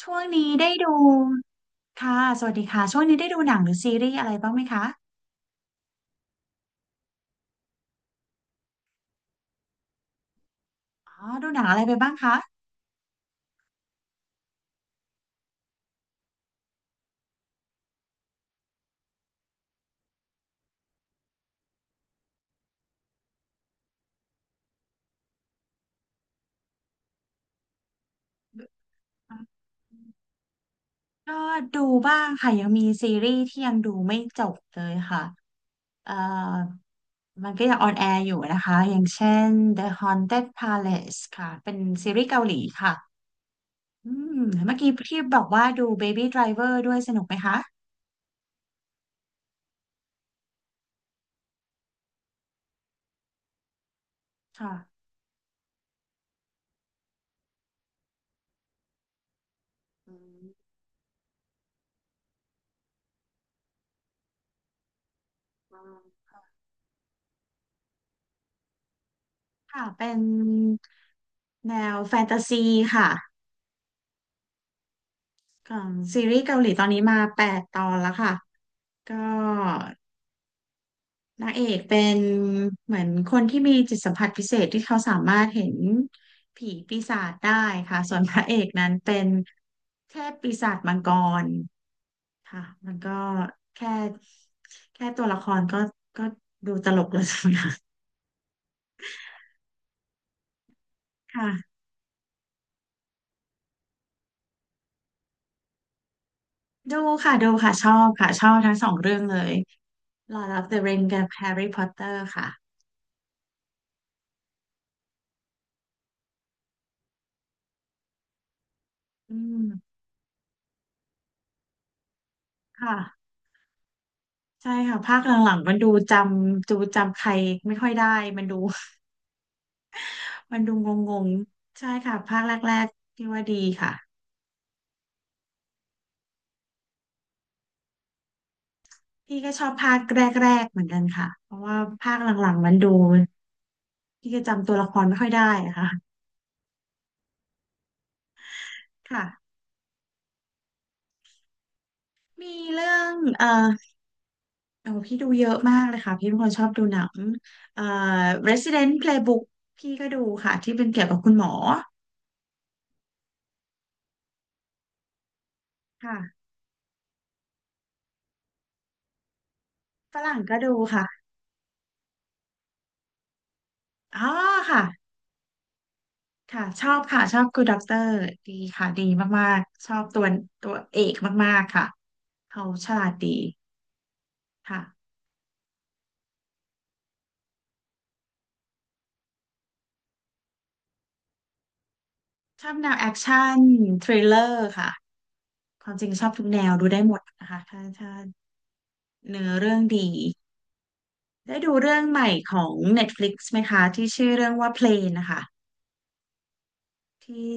ช่วงนี้ได้ดูค่ะสวัสดีค่ะช่วงนี้ได้ดูหนังหรือซีรีส์อะไรบ้างไหมคะอ๋อดูหนังอะไรไปบ้างคะก็ดูบ้างค่ะยังมีซีรีส์ที่ยังดูไม่จบเลยค่ะเอ่อมันก็ยังออนแอร์อยู่นะคะอย่างเช่น The Haunted Palace ค่ะเป็นซีรีส์เกาหลีค่ะอืมเมื่อกี้ที่บอกว่าดู Baby Driver ด้วยสนุกไหมคะค่ะอืมค่ะเป็นแนวแฟนตาซีค่ะ ของซีรีส์เกาหลีตอนนี้มา8ตอนแล้วค่ะก็นางเอกเป็นเหมือนคนที่มีจิตสัมผัสพิเศษที่เขาสามารถเห็นผีปีศาจได้ค่ะส่วนพระเอกนั้นเป็นเทพปีศาจมังกรค่ะมันก็แค่แค่ตัวละครก็ดูตลกแล้วนะค่ะดูค่ะดูค่ะชอบค่ะชอบทั้งสองเรื่องเลย Lord of the Ring กับ Harry Potter ค่ะอืมค่ะ ใช่ค่ะภาคหลังๆมันดูจำใครไม่ค่อยได้มันดู มันดูงงๆใช่ค่ะภาคแรกๆที่ว่าดีค่ะพี่ก็ชอบภาคแรกๆเหมือนกันค่ะเพราะว่าภาคหลังๆมันดูพี่ก็จำตัวละครไม่ค่อยได้อะค่ะค่ะมีเรื่องโอ้พี่ดูเยอะมากเลยค่ะพี่เป็นคนชอบดูหนังเอ่อ Resident Playbook พี่ก็ดูค่ะที่เป็นเกี่ยวกับคุณหมอค่ะฝรั่งก็ดูค่ะอ๋อค่ะ ค่ะชอบค่ะชอบ Good Doctor ดีค่ะดีมากๆชอบตัวเอกมากๆค่ะเขาฉลาดดีค่ะชอบแนวแอคชั่นทริลเลอร์ค่ะความจริงชอบทุกแนวดูได้หมดนะคะถ้าเนื้อเรื่องดีได้ดูเรื่องใหม่ของ Netflix ไหมคะที่ชื่อเรื่องว่า Plane นะคะที่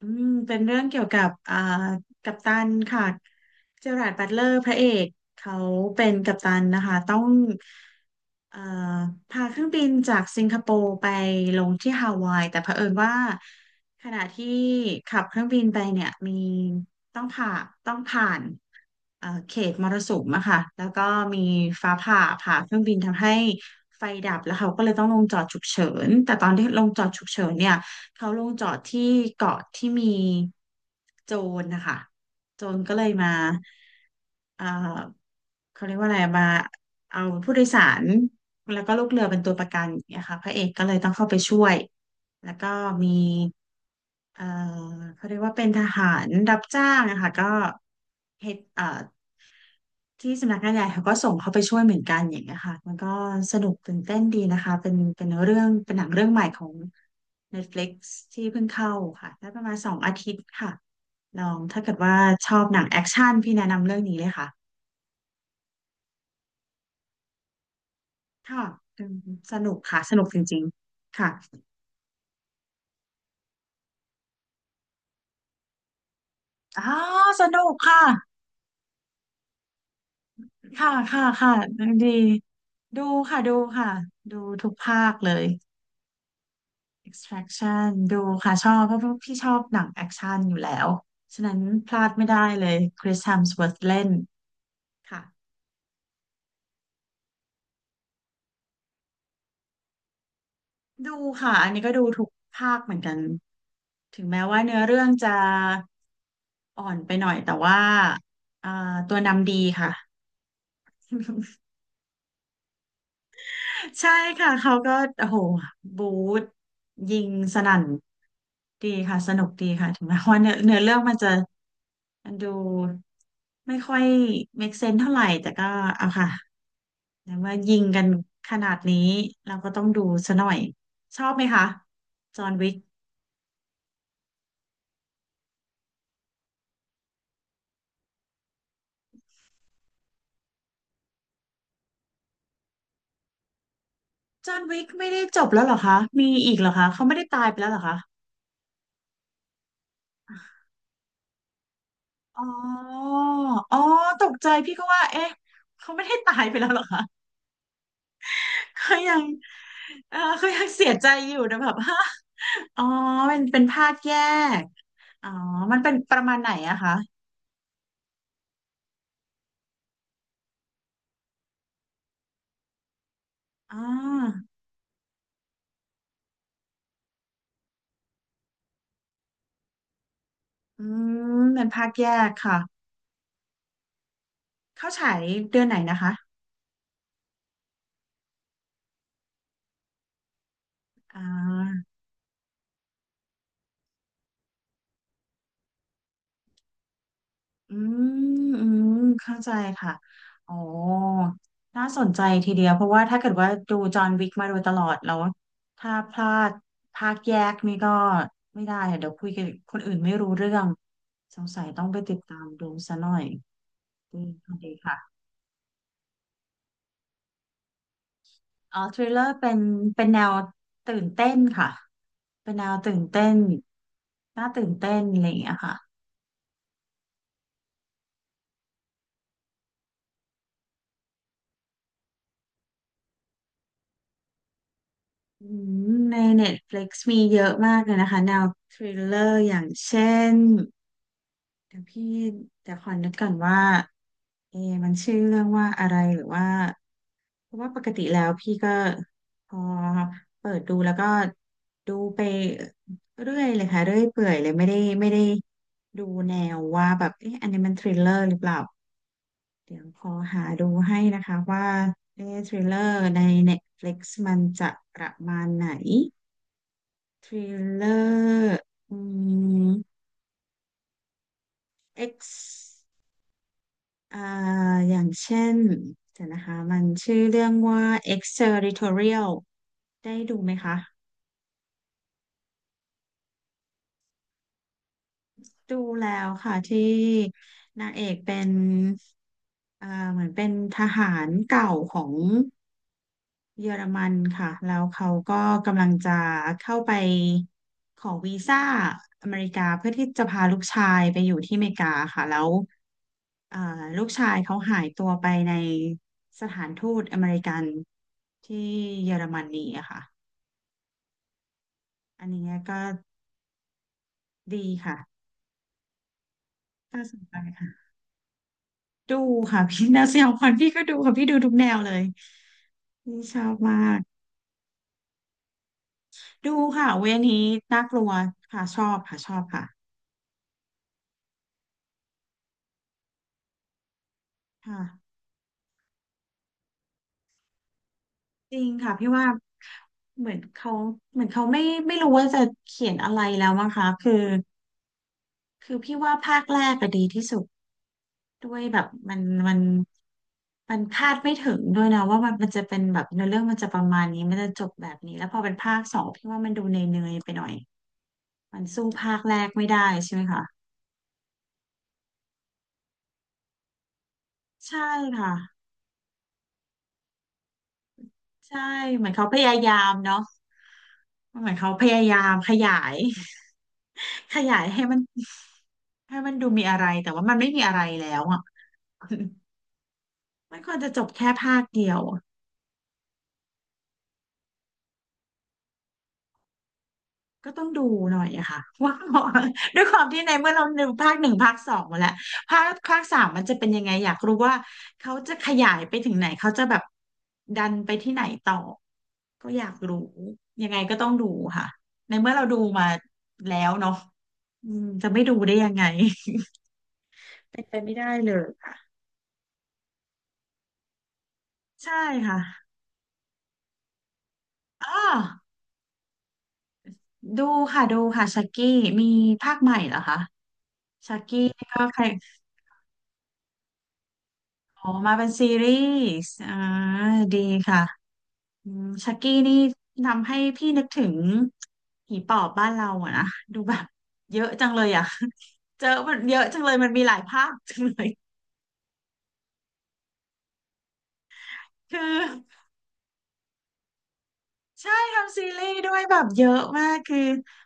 อืมเป็นเรื่องเกี่ยวกับกัปตันค่ะเจอราร์ดบัตเลอร์พระเอกเขาเป็นกัปตันนะคะต้องเอ่อพาเครื่องบินจากสิงคโปร์ไปลงที่ฮาวายแต่เผอิญว่าขณะที่ขับเครื่องบินไปเนี่ยมีต้องผ่าต้องผ่าน เขตมรสุมอะค่ะแล้วก็มีฟ้าผ่าผ่าเครื่องบินทำให้ไฟดับแล้วเขาก็เลยต้องลงจอดฉุกเฉินแต่ตอนที่ลงจอดฉุกเฉินเนี่ยเขาลงจอดที่เกาะที่มีโจรนะคะโจรก็เลยมาเอ่อเขาเรียกว่าอะไรมาเอาผู้โดยสารแล้วก็ลูกเรือเป็นตัวประกันอย่างเงี้ยค่ะพระเอกก็เลยต้องเข้าไปช่วย แล้วก็มีเอ่อเขาเรียกว่าเป็นทหารรับจ้างนะคะก็เฮดที่สำนักงานใหญ่เขาก็ส่งเขาไปช่วยเหมือนกันอย่างเงี้ยค่ะมันก็สนุกตื่นเต้นดีนะคะเป็นหนังเรื่องใหม่ของ Netflix ที่เพิ่งเข้าค่ะได้ประมาณ2 อาทิตย์ค่ะ ลองถ้าเกิดว่าชอบหนังแอคชั่นพี่แนะนำเรื่องนี้เลยค่ะค่ะอืมสนุกค่ะ สนุกจริงๆค่ะ อ๋อ สนุกค่ะ ค่ะค่ะค่ะดีดูค่ะดูค่ะดูทุกภาคเลย Extraction ดูค่ะชอบเพราะพี่ชอบหนังแอคชั่นอยู่แล้วฉะนั้นพลาดไม่ได้เลยคริส h ฮมส w o ร์ h เล่นค่ะดูค่ะอันนี้ก็ดูทุกภาคเหมือนกันถึงแม้ว่าเนื้อเรื่องจะอ่อนไปหน่อยแต่ว่าอ่าตัวนำดีค่ะ ใช่ค่ะเขาก็โอ้โหบูทยิงสนั่นดีค่ะสนุกดีค่ะถึงแม้ว่าเนื้อเรื่องมันจะมันดูไม่ค่อย make sense เท่าไหร่แต่ก็เอาค่ะแต่ว่ายิงกันขนาดนี้เราก็ต้องดูซะหน่อยชอบไหมคะจอห์นวิกจอห์นวิกไม่ได้จบแล้วเหรอคะมีอีกเหรอคะเขาไม่ได้ตายไปแล้วเหรอคะอ๋ออ๋อตกใจพี่ก็ว่าเอ๊ะเขาไม่ได้ตายไปแล้วเหรอคะ ก็ยังเออก็ยังเสียใจอยู่นะแบบ ฮะอ๋อเป็นภาคแยก อ๋อ มันเป็นประมาณไหนอะคะ อ๋ออืมเป็นภาคแยกค่ะ เข้าฉายเดือนไหนนะคะอ่าอืมอืมเข้าใจค่ะ อ๋อ น่าสนใจทีเดียว เพราะว่าถ้าเกิดว่าดูจอห์นวิกมาโดยตลอดแล้วถ้าพลาดภาคแยกนี่ก็ไม่ได้อะเดี๋ยวคุยกับคนอื่นไม่รู้เรื่อง สงสัยต้องไปติดตามดูซะหน่อย อืมโอเคค่ะอ๋อทริลเลอร์เป็นแนวตื่นเต้นค่ะ เป็นแนวตื่นเต้นน่าตื่นเต้นอะไรอย่างเงี้ยค่ะอืมใน Netflix มีเยอะมากเลยนะคะแนวทริลเลอร์อย่างเช่น เดี๋ยวพี่จะขอนึกก่อนว่าเอะมันชื่อเรื่องว่าอะไรหรือว่าเพราะว่าปกติแล้วพี่ก็พอเปิดดูแล้วก็ดูไปเรื่อยเลยค่ะเรื่อยเปื่อยเลยไม่ได้ดูแนวว่าแบบเอ๊ะอันนี้มันทริลเลอร์หรือเปล่าเดี๋ยวขอหาดูให้นะคะว่าเอ๊ะทริลเลอร์ใน Netflix มันจะประมาณไหนทริลเลอร์อืม X อ่าอย่างเช่นเดี๋ยวนะคะมันชื่อเรื่องว่า Exterritorial ได้ดูไหมคะดูแล้วค่ะที่นางเอกเป็นเอ่าเหมือนเป็นทหารเก่าของเยอรมันค่ะแล้วเขาก็กำลังจะเข้าไปขอวีซ่าอเมริกาเพื่อที่จะพาลูกชายไปอยู่ที่อเมริกาค่ะแล้ว อ่าลูกชายเขาหายตัวไปในสถานทูตอเมริกันที่เยอรมนีอะค่ะอันนี้ก็ดีค่ะน่าสนใจค่ะดูค่ะพี่แนวสยองขวัญพี่ก็ดูค่ะพี่ดูทุกแนวเลยพี่ชอบมากดูค่ะเวยอันนี้น่ากลัวค่ะชอบค่ะชอบค่ะค่ะจริงค่ะพี่ว่าเหมือนเขาเหมือนเขาไม่รู้ว่าจะเขียนอะไรแล้วมั้งคะคือพี่ว่าภาคแรกก็ดีที่สุด ด้วยแบบมันมันคาดไม่ถึงด้วยนะว่ามันจะเป็นแบบเนื้อเรื่องมันจะประมาณนี้มันจะจบแบบนี้แล้วพอเป็นภาคสองพี่ว่ามันดูเนยๆไปหน่อยมันสู้ภาคแรกไม่ได้ใช่ไหมคะใช่ค่ะใช่เหมือนเขาพยายามเนาะเหมือนเขาพยายามขยาย ขยายให้มันให้มันดูมีอะไรแต่ว่ามันไม่มีอะไรแล้วอ่ะ มันควรจะจบแค่ภาคเดียว ก็ต้องดูหน่อยอะค่ะ ว่า ด้วยความที่ในเมื่อเราดูภาคหนึ่งภาคสองมาแล้วภาคสามมันจะเป็นยังไงอยากรู้ว่าเขาจะขยายไปถึงไหนเขาจะแบบดันไปที่ไหนต่อก็อยากรู้ยังไงก็ต้องดูค่ะในเมื่อเราดูมาแล้วเนาะอืมจะไม่ดูได้ยังไง เป็นไปไม่ได้เลยค่ะใช่ค่ะอ๋อดูค่ะดูค่ะชักกี้มีภาคใหม่เหรอคะชักกี้ก็ใคร อ๋อมาเป็นซีรีส์อ่าดีค่ะอืมชักกี้นี่ทำให้พี่นึกถึงผีปอบบ้านเราอะนะดูแบบเยอะจังเลยอ่ะ เจอมันเยอะจังเลยมันมีหลายภาคจังเลยคือใช่ทำซีรีส์ด้วยแบบเยอะมาก คือ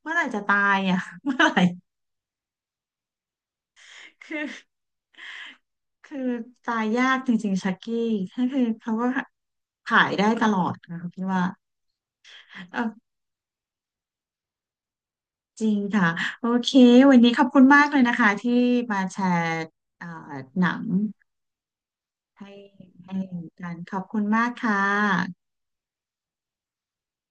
เมื่อไหร่จะตายอ่ะ เมื่อไหร่คือคือตายยากจริงๆชักกี้ก็คือเขาก็ขายได้ตลอดนะคะพี่ว่า จริงค่ะโอเควันนี้ขอบคุณมากเลยนะคะที่มาแชร์เอ่อหนังให้ให้กันขอบคุณมากค่ะ